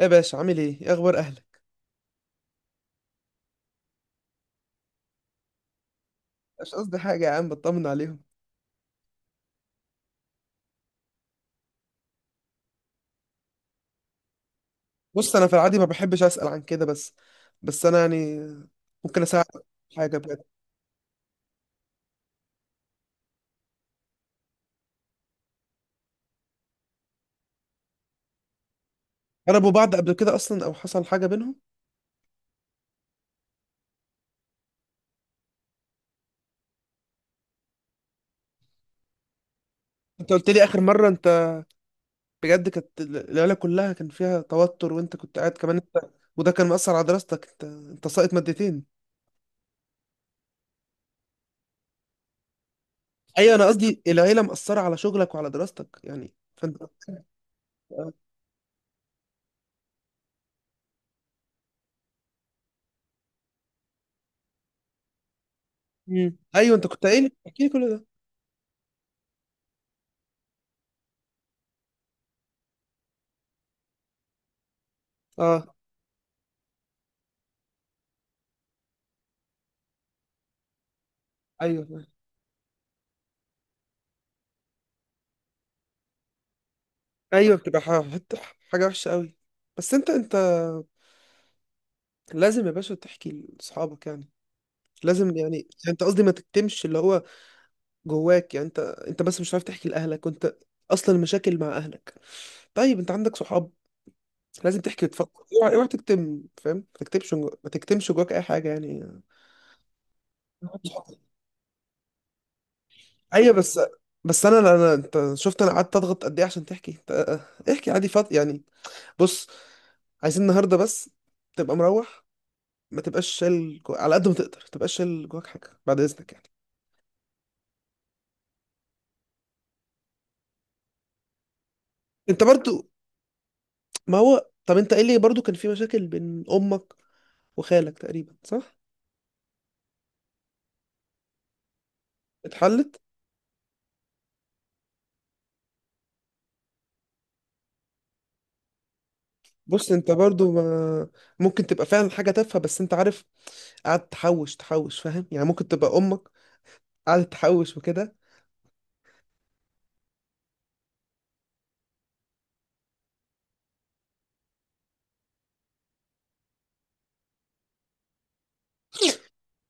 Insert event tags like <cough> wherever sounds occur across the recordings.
إيه يا باشا، عامل ايه؟ ايه اخبار اهلك؟ مش قصدي حاجه يا عم، بطمن عليهم. بص، انا في العادي ما بحبش اسال عن كده، بس انا يعني ممكن اساعدك في حاجه بجد. قربوا بعض قبل كده اصلا، او حصل حاجه بينهم؟ انت قلت لي اخر مره، انت بجد كانت العيله كلها كان فيها توتر، وانت كنت قاعد كمان انت. وده كان مأثر على دراستك، انت ساقط مادتين. ايوه، انا قصدي العيله مأثره على شغلك وعلى دراستك، يعني فانت. <laughs> آه. مم. ايوه، انت كنت قايل احكي لي كل ده. اه، ايوه، ايوه. بتبقى حته حاجه وحشه قوي. بس انت لازم يا باشا تحكي لاصحابك يعني. لازم يعني انت قصدي ما تكتمش اللي هو جواك يعني. انت بس مش عارف تحكي لاهلك، وانت اصلا المشاكل مع اهلك. طيب، انت عندك صحاب. لازم تحكي وتفكر، اوعى اوعى تكتم فاهم، ما تكتمش ما تكتمش جواك اي حاجه يعني. ايوه، بس انا انت شفت انا قعدت اضغط قد ايه عشان تحكي انت، احكي عادي فاضي يعني. بص، عايزين النهارده بس تبقى مروح، ما تبقاش شايل على قد ما تقدر ما تبقاش شايل جواك حاجه، بعد اذنك يعني. انت برضو، ما هو طب انت ايه اللي برضو كان في مشاكل بين امك وخالك تقريبا، صح؟ اتحلت؟ بص، انت برضو ما ممكن تبقى فعلا حاجه تافهه، بس انت عارف قعدت تحوش تحوش فاهم، يعني ممكن تبقى امك قعدت تحوش وكده.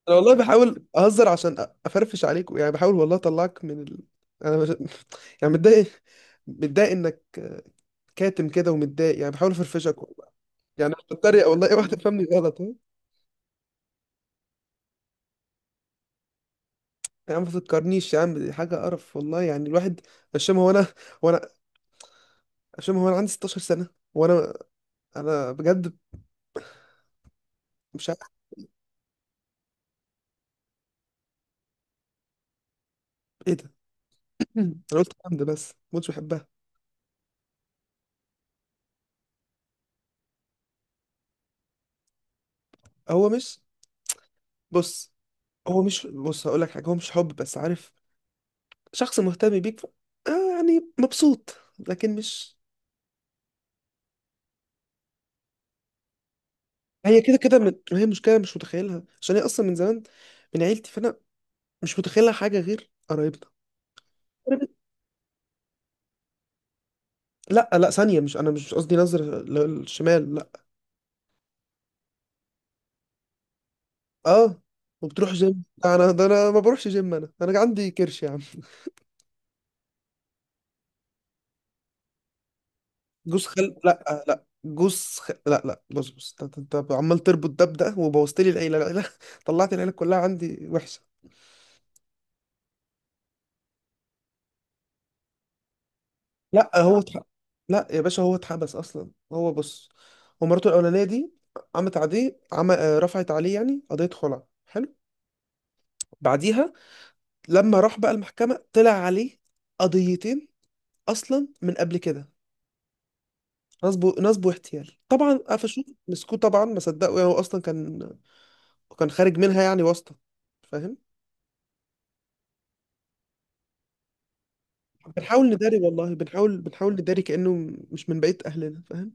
انا والله بحاول اهزر عشان افرفش عليك يعني، بحاول والله اطلعك من انا مش... <laughs> يعني متضايق، متضايق انك كاتم كده ومتضايق، يعني بحاول افرفشك. يعني أنا بتريق والله، اوعى تفهمني غلط، ها؟ يا عم ما تفكرنيش يا عم، دي حاجه قرف والله، يعني الواحد. هشام هو انا هو انا هشام هو انا، عندي 16 سنه، وانا بجد مش عارف. ايه ده؟ <clears throat> انا قلت الكلام ده، بس ما كنتش بحبها. هو مش بص هو مش بص هقول لك حاجه، هو مش حب بس عارف. شخص مهتم بيك، يعني مبسوط، لكن مش. هي كده كده هي مشكله مش متخيلها، عشان هي اصلا من زمان من عيلتي، فانا مش متخيلها حاجه غير قرايبنا. لا لا، ثانية مش، أنا مش قصدي نظر للشمال، لا. أه. وبتروح جيم، لا، أنا ده أنا ما بروحش جيم، أنا عندي كرش يا عم. جوز خل لا، لا لا لا، بص بص، أنت عمال تربط ده بده وبوظت لي العيلة، لا لا. <laughs> طلعت العيلة كلها عندي وحشة. لا هو اتح... لا يا باشا، هو اتحبس أصلا. هو، بص، هو مراته الأولانية دي قامت عليه رفعت عليه يعني قضية خلع، حلو. بعديها لما راح بقى المحكمة، طلع عليه قضيتين أصلا من قبل كده، نصب نصب واحتيال، طبعا قفشوه مسكوه طبعا، ما صدقوا يعني، هو اصلا كان، كان خارج منها يعني واسطه، فاهم. بنحاول نداري والله، بنحاول نداري كانه مش من بقيه اهلنا، فاهم؟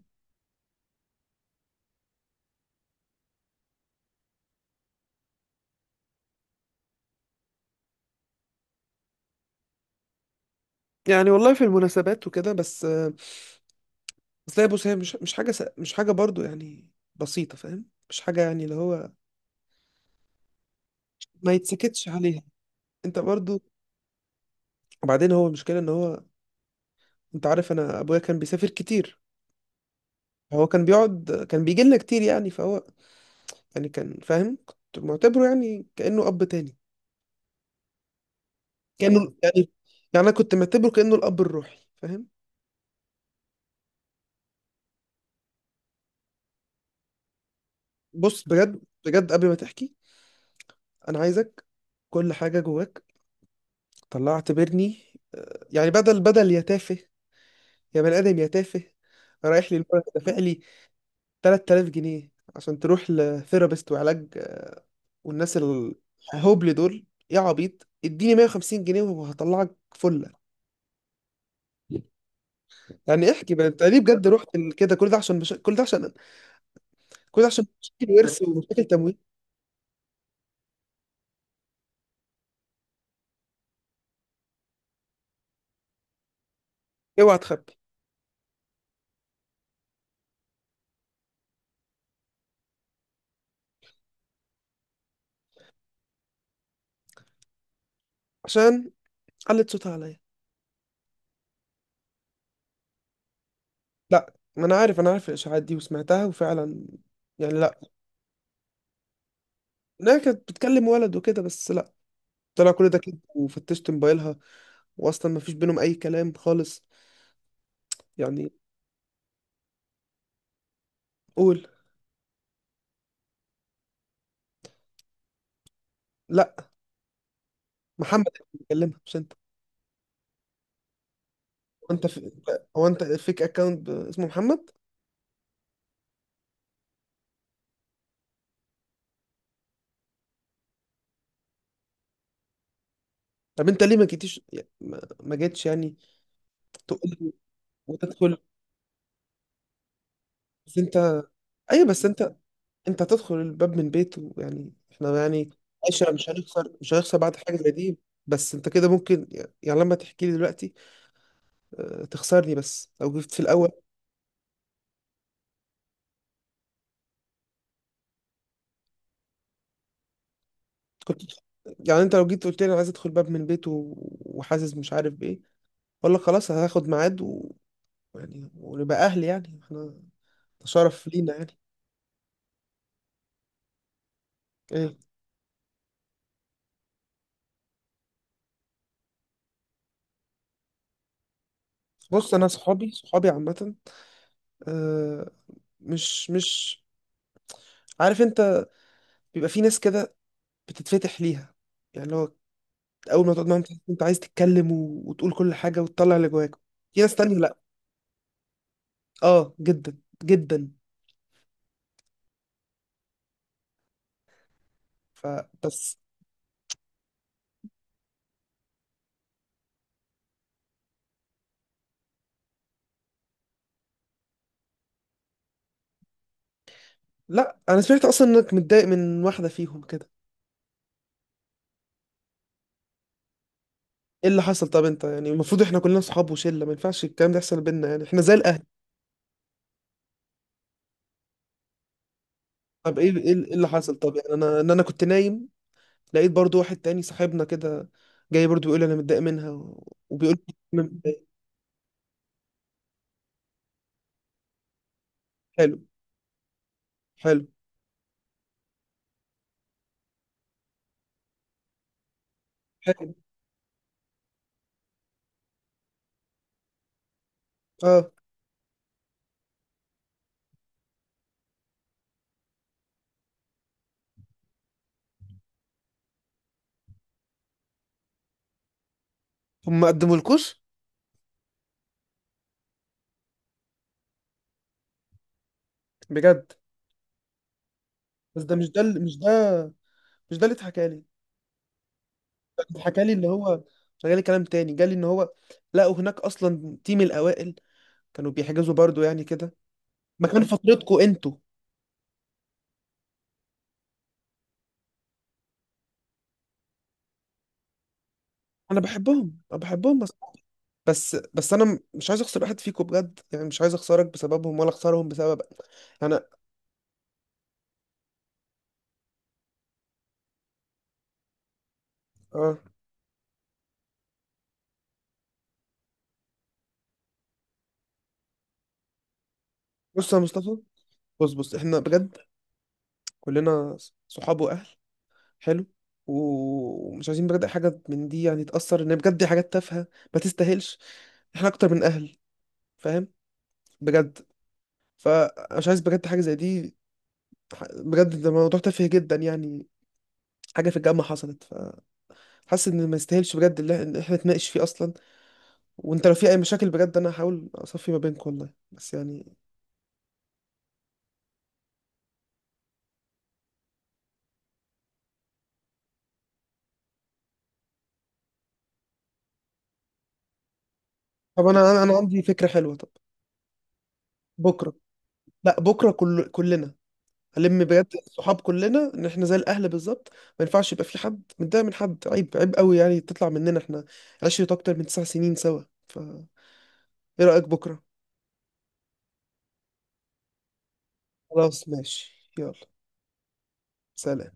يعني والله في المناسبات وكده، بس. بس لا بص، هي مش حاجه مش حاجه برضو يعني بسيطه، فاهم؟ مش حاجه يعني اللي هو ما يتسكتش عليها، انت برضو. وبعدين هو، المشكله ان هو، انت عارف انا ابويا كان بيسافر كتير، هو كان بيقعد، كان بيجي لنا كتير يعني، فهو يعني كان، فاهم كنت معتبره يعني كأنه أب تاني، كأنه يعني، يعني أنا كنت معتبره كأنه الأب الروحي، فاهم. بص، بجد بجد قبل ما تحكي، أنا عايزك كل حاجة جواك طلعت اعتبرني، يعني بدل بدل يا تافه، يا بني آدم يا تافه، رايح لي المرة دافع لي 3000 جنيه عشان تروح لثيرابيست وعلاج. والناس الهبل دول يا عبيط، اديني 150 جنيه وهطلعك فلة. يعني احكي بقى، انت ليه بجد رحت كده؟ كل ده عشان مش... كل ده عشان مشاكل ورث ومشاكل تمويل. اوعى تخبي. عشان علت صوتها عليا. لا، ما انا عارف الاشاعات دي وسمعتها، وفعلا يعني لا، انها كانت بتكلم ولد وكده، بس لا، طلع كل ده كده وفتشت موبايلها، واصلا ما فيش بينهم اي كلام خالص يعني. قول. لا، محمد اللي بيكلمها، مش انت. هو انت في... هو انت فيك اكونت اسمه محمد. طب انت ليه ما جيتيش يعني، ما جيتش يعني تقول لي وتدخل؟ بس انت، ايوه بس انت، انت هتدخل الباب من بيته، يعني احنا يعني عشرة، مش هنخسر بعد حاجة زي دي. بس انت كده ممكن يعني، لما تحكي لي دلوقتي اه، تخسرني، بس لو جبت في الاول كنت يعني، انت لو جيت قلت لي انا عايز ادخل باب من بيته، وحاسس مش عارف بايه، اقول لك خلاص هاخد ميعاد يعني ونبقى اهل، يعني احنا ده شرف لينا يعني. ايه؟ بص، انا صحابي صحابي عامة، اه، مش عارف انت، بيبقى في ناس كده بتتفتح ليها يعني، لو اول ما تقعد معاهم تحس إن انت عايز تتكلم وتقول كل حاجه وتطلع اللي جواك. في ناس تانية لا. اه، جدا جدا. فبس. لا، انا سمعت اصلا انك متضايق من واحده فيهم كده. ايه اللي حصل طب؟ انت يعني المفروض احنا كلنا صحاب وشله، ما ينفعش الكلام ده يحصل بينا يعني، احنا زي الاهل. طب، ايه ايه إيه اللي حصل طب؟ يعني انا انا كنت نايم، لقيت برضو واحد تاني صاحبنا كده جاي برضو بيقول انا متضايق منها وبيقول أنا متضايق. حلو حلو حلو. اه. هم ما قدمولكوش بجد؟ بس ده مش ده اللي- مش ده مش ده اللي اتحكى لي. اتحكى لي اللي هو جالي كلام تاني، جالي ان هو لقوا هناك اصلا تيم الاوائل كانوا بيحجزوا برضو يعني كده، ما كان فترتكوا انتوا. انا بحبهم، انا بحبهم بس، بس انا مش عايز اخسر واحد فيكم بجد، يعني مش عايز اخسرك بسببهم ولا اخسرهم بسبب انا. اه. بص يا مصطفى، بص بص، احنا بجد كلنا صحاب واهل. حلو. ومش عايزين بجد أي حاجه من دي يعني تاثر، ان بجد دي حاجات تافهه ما تستاهلش، احنا اكتر من اهل، فاهم؟ بجد. فمش عايز بجد حاجه زي دي، بجد ده موضوع تافه جدا يعني، حاجة في الجامعة حصلت، فحاسس إن ما يستاهلش بجد اللي إن إحنا نتناقش فيه أصلا. وأنت لو في أي مشاكل بجد، أنا هحاول أصفي ما بينك، والله بس يعني. طب أنا أنا عندي فكرة حلوة، طب بكرة، لا بكرة كلنا هلم بجد، الصحاب كلنا إن إحنا زي الأهل بالظبط. ما ينفعش يبقى في حد متضايق من حد، عيب عيب قوي يعني تطلع مننا إحنا عشرة أكتر من 9 سنين سوا. فإيه رأيك بكرة؟ خلاص ماشي، يلا سلام.